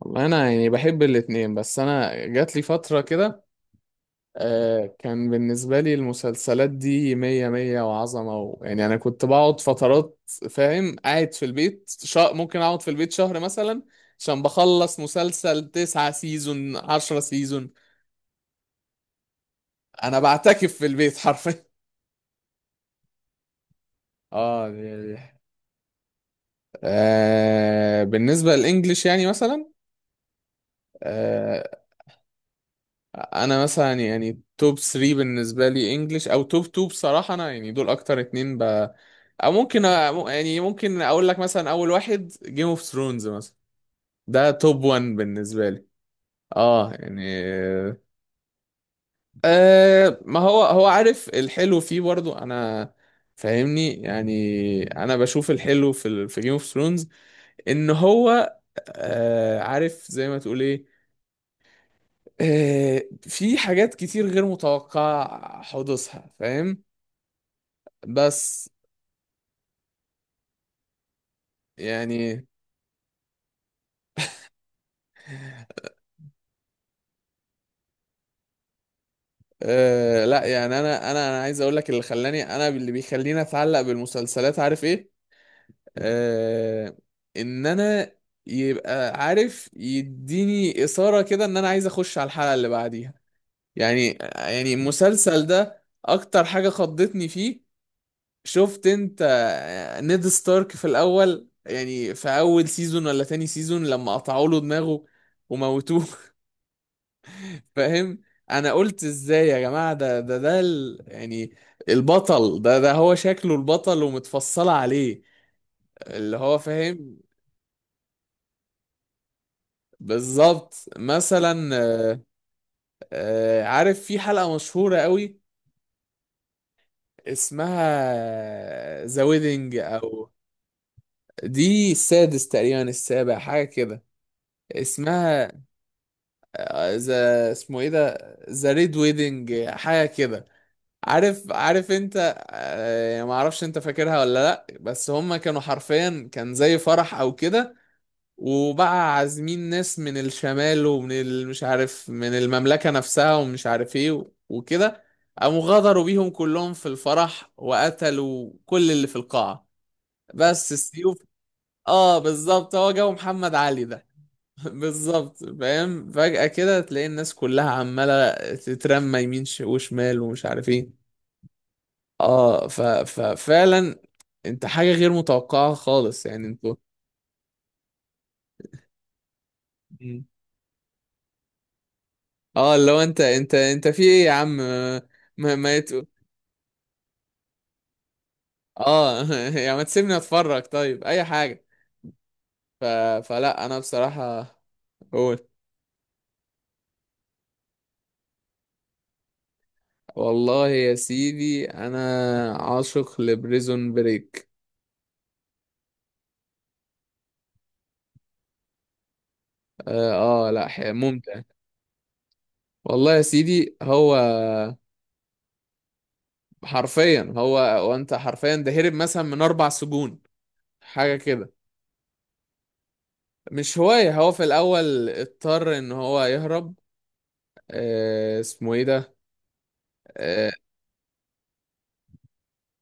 والله انا يعني بحب الاتنين بس انا جات لي فترة كده. كان بالنسبة لي المسلسلات دي مية مية وعظمة يعني انا كنت بقعد فترات، فاهم، قاعد في البيت، ممكن اقعد في البيت شهر مثلا، عشان بخلص مسلسل 9 سيزون 10 سيزون. انا بعتكف في البيت حرفيا. اه، دي. بالنسبة للإنجليش، يعني مثلا، آه، انا مثلا يعني توب 3 بالنسبه لي انجلش، او توب 2. بصراحه انا يعني دول اكتر اتنين او ممكن يعني ممكن اقول لك مثلا اول واحد جيم اوف ثرونز مثلا. ده توب 1 بالنسبه لي. اه، يعني، ما هو عارف الحلو فيه برضو. انا فاهمني، يعني انا بشوف الحلو في جيم اوف ثرونز، ان هو، عارف زي ما تقول ايه. في حاجات كتير غير متوقعة حدوثها، فاهم، بس يعني، لا، يعني انا عايز اقول لك، اللي خلاني، انا اللي بيخليني اتعلق بالمسلسلات، عارف ايه؟ آه. ان انا يبقى عارف، يديني اثاره كده ان انا عايز اخش على الحلقه اللي بعديها، يعني المسلسل ده اكتر حاجه خضتني فيه. شفت انت؟ نيد ستارك في الاول، يعني في اول سيزون ولا تاني سيزون، لما قطعوا له دماغه وموتوه فاهم؟ انا قلت ازاي يا جماعه؟ يعني البطل ده هو شكله البطل ومتفصله عليه، اللي هو، فاهم، بالظبط مثلا. آه، عارف، في حلقه مشهوره قوي اسمها ذا ويدنج، او... دي السادس تقريبا، السابع، حاجه كده. اسمها ذا، اسمه ايه ده؟ ذا ريد ويدنج، حاجه كده. عارف انت؟ يعني ما اعرفش انت فاكرها ولا لا، بس هم كانوا حرفيا كان زي فرح او كده، وبقى عازمين ناس من الشمال ومن مش عارف، من المملكة نفسها، ومش عارف ايه و- وكده، قاموا غدروا بيهم كلهم في الفرح وقتلوا كل اللي في القاعة، بس السيوف. اه، بالظبط، هو جو محمد علي ده بالظبط، فاهم، فجأة كده تلاقي الناس كلها عمالة تترمى يمين وشمال، ومش عارف ايه. اه، ف... ففعلا انت حاجة غير متوقعة خالص، يعني انتوا. مم. اه، لو انت انت في ايه يا عم؟ ما ما يت... اه يعني ما تسيبني اتفرج طيب؟ اي حاجة. ف... فلا، انا بصراحة. قول. والله يا سيدي انا عاشق لبريزون بريك. اه، لا، ممتع. والله يا سيدي هو، حرفيا هو، وانت حرفيا ده هرب مثلا من 4 سجون، حاجة كده. مش هواية، هو في الأول اضطر إن هو يهرب. اسمه إيه ده؟ آه.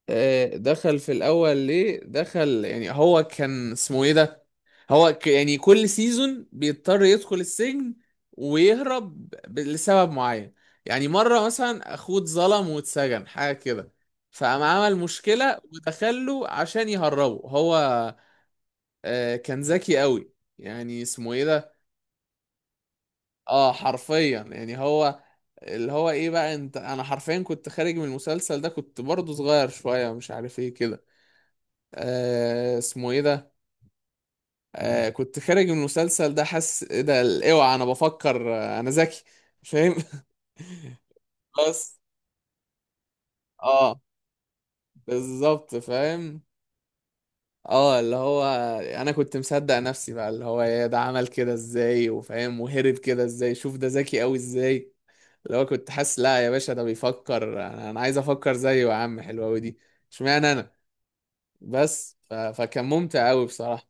آه دخل في الأول ليه؟ دخل يعني هو، كان اسمه إيه ده؟ هو يعني كل سيزون بيضطر يدخل السجن ويهرب لسبب معين. يعني مرة مثلا أخوه اتظلم واتسجن، حاجة كده، فقام عمل مشكلة ودخله عشان يهربه هو. كان ذكي قوي، يعني اسمه إيه ده؟ اه، حرفيا يعني هو، اللي هو ايه بقى، انت، انا حرفيا كنت خارج من المسلسل ده، كنت برضه صغير شوية، مش عارف ايه كده. اسمه ايه ده؟ كنت خارج من المسلسل ده حاسس ايه ده، اوعى انا بفكر، انا ذكي، فاهم بس اه، بالظبط، فاهم. اه، اللي هو انا كنت مصدق نفسي بقى، اللي هو يا ده عمل كده ازاي، وفاهم، وهرب كده ازاي، شوف ده ذكي قوي ازاي، لو كنت حاسس، لا يا باشا ده بيفكر، أنا عايز افكر زيه يا عم، حلوة أوي دي، اشمعنى انا؟ بس فكان ممتع قوي بصراحة.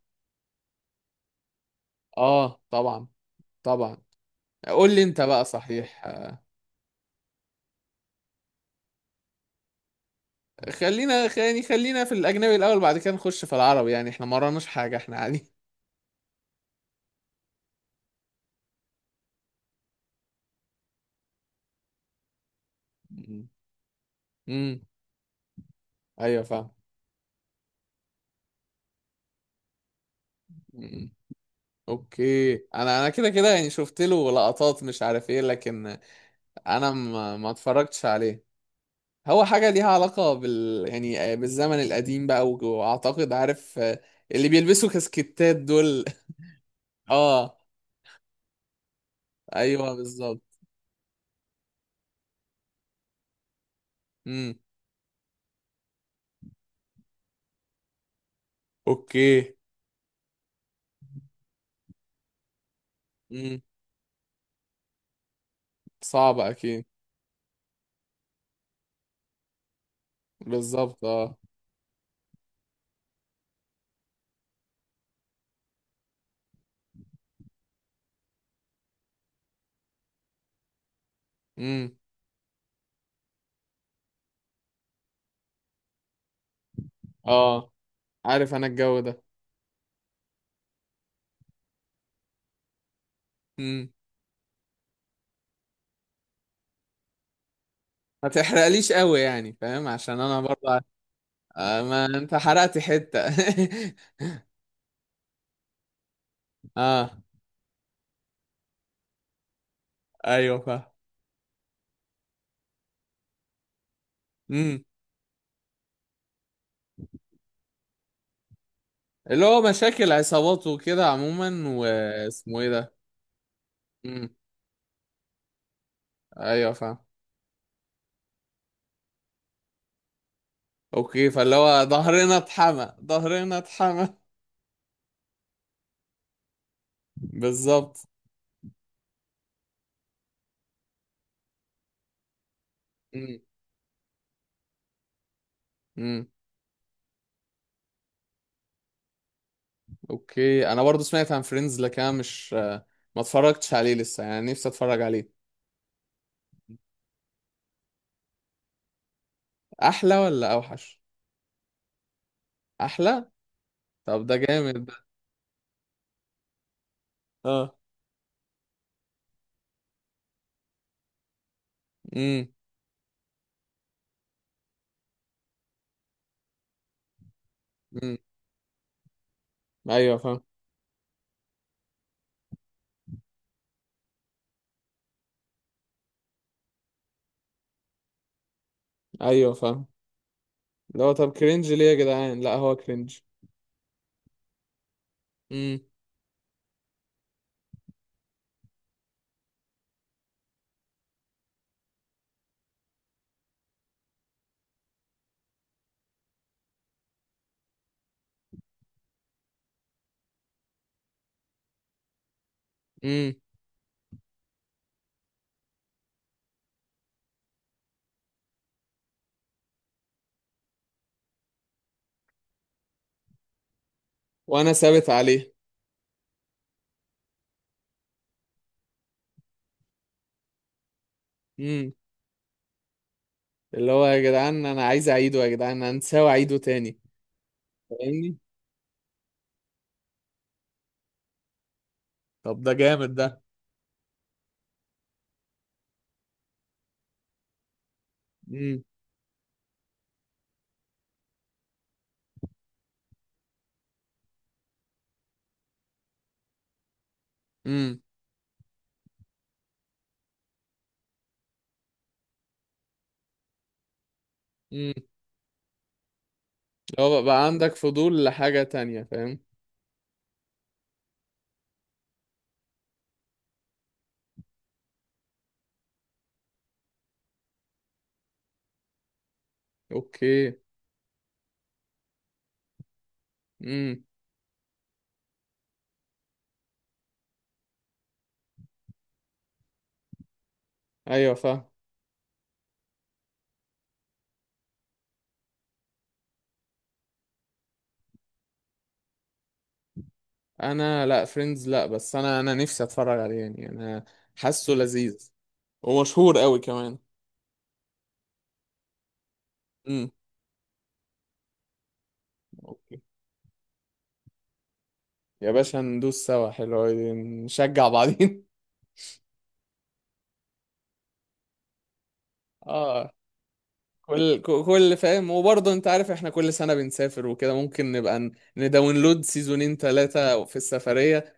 اه، طبعا. طبعا. قول لي انت بقى صحيح. خلينا في الاجنبي الاول، بعد كده نخش في العربي، يعني احنا ما وراناش حاجة، احنا عادي. مم. امم، ايوه فاهم. مم. اوكي، انا كده كده، يعني شفت له لقطات، مش عارف ايه، لكن انا، ما اتفرجتش عليه. هو حاجة ليها علاقة يعني، بالزمن القديم بقى، وأعتقد، عارف، اللي بيلبسوا كاسكتات دول اه، ايوه بالظبط. امم. اوكي. امم. صعبة اكيد. بالظبط، اه. امم. اه، عارف انا الجو ده. امم. ما تحرقليش قوي، يعني فاهم، عشان انا برضه ما انت حرقت حتة اه، ايوه فاهم. امم. اللي هو مشاكل عصابات وكده عموما، واسمه ايه ده. امم. ايوه فاهم. اوكي، فاللي هو ظهرنا اتحمى، ظهرنا اتحمى بالظبط. امم. امم. اوكي، انا برضو سمعت عن فريندز، لكن انا مش ما اتفرجتش عليه لسه، يعني نفسي اتفرج عليه. احلى ولا اوحش؟ احلى. طب ده جامد ده. اه. امم. امم. ايوه فاهم. ايوه فاهم. اللي هو طب كرنج ليه يا جدعان؟ لا هو كرنج. امم. امم. وانا ثابت عليه. امم. اللي هو يا جدعان انا عايز اعيده، يا جدعان انا نساوي اعيده تاني. فاهمني. طب ده جامد ده. امم. امم. هو بقى عندك فضول لحاجة تانية، فاهم. اوكي. امم. ايوه فاهم. انا لا، فريندز لا، بس انا نفسي اتفرج عليه، يعني انا حاسه لذيذ، ومشهور قوي كمان. امم. اوكي. يا باشا ندوس سوا، حلو أوي، نشجع بعضين اه، كل فاهم، وبرضه انت عارف احنا كل سنة بنسافر وكده، ممكن نبقى نداونلود سيزونين 3 في السفرية،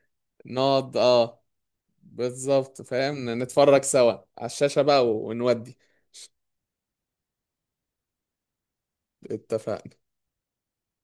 نقعد، اه، بالظبط، فاهم، نتفرج سوا على الشاشة بقى، ونودي. اتفقنا.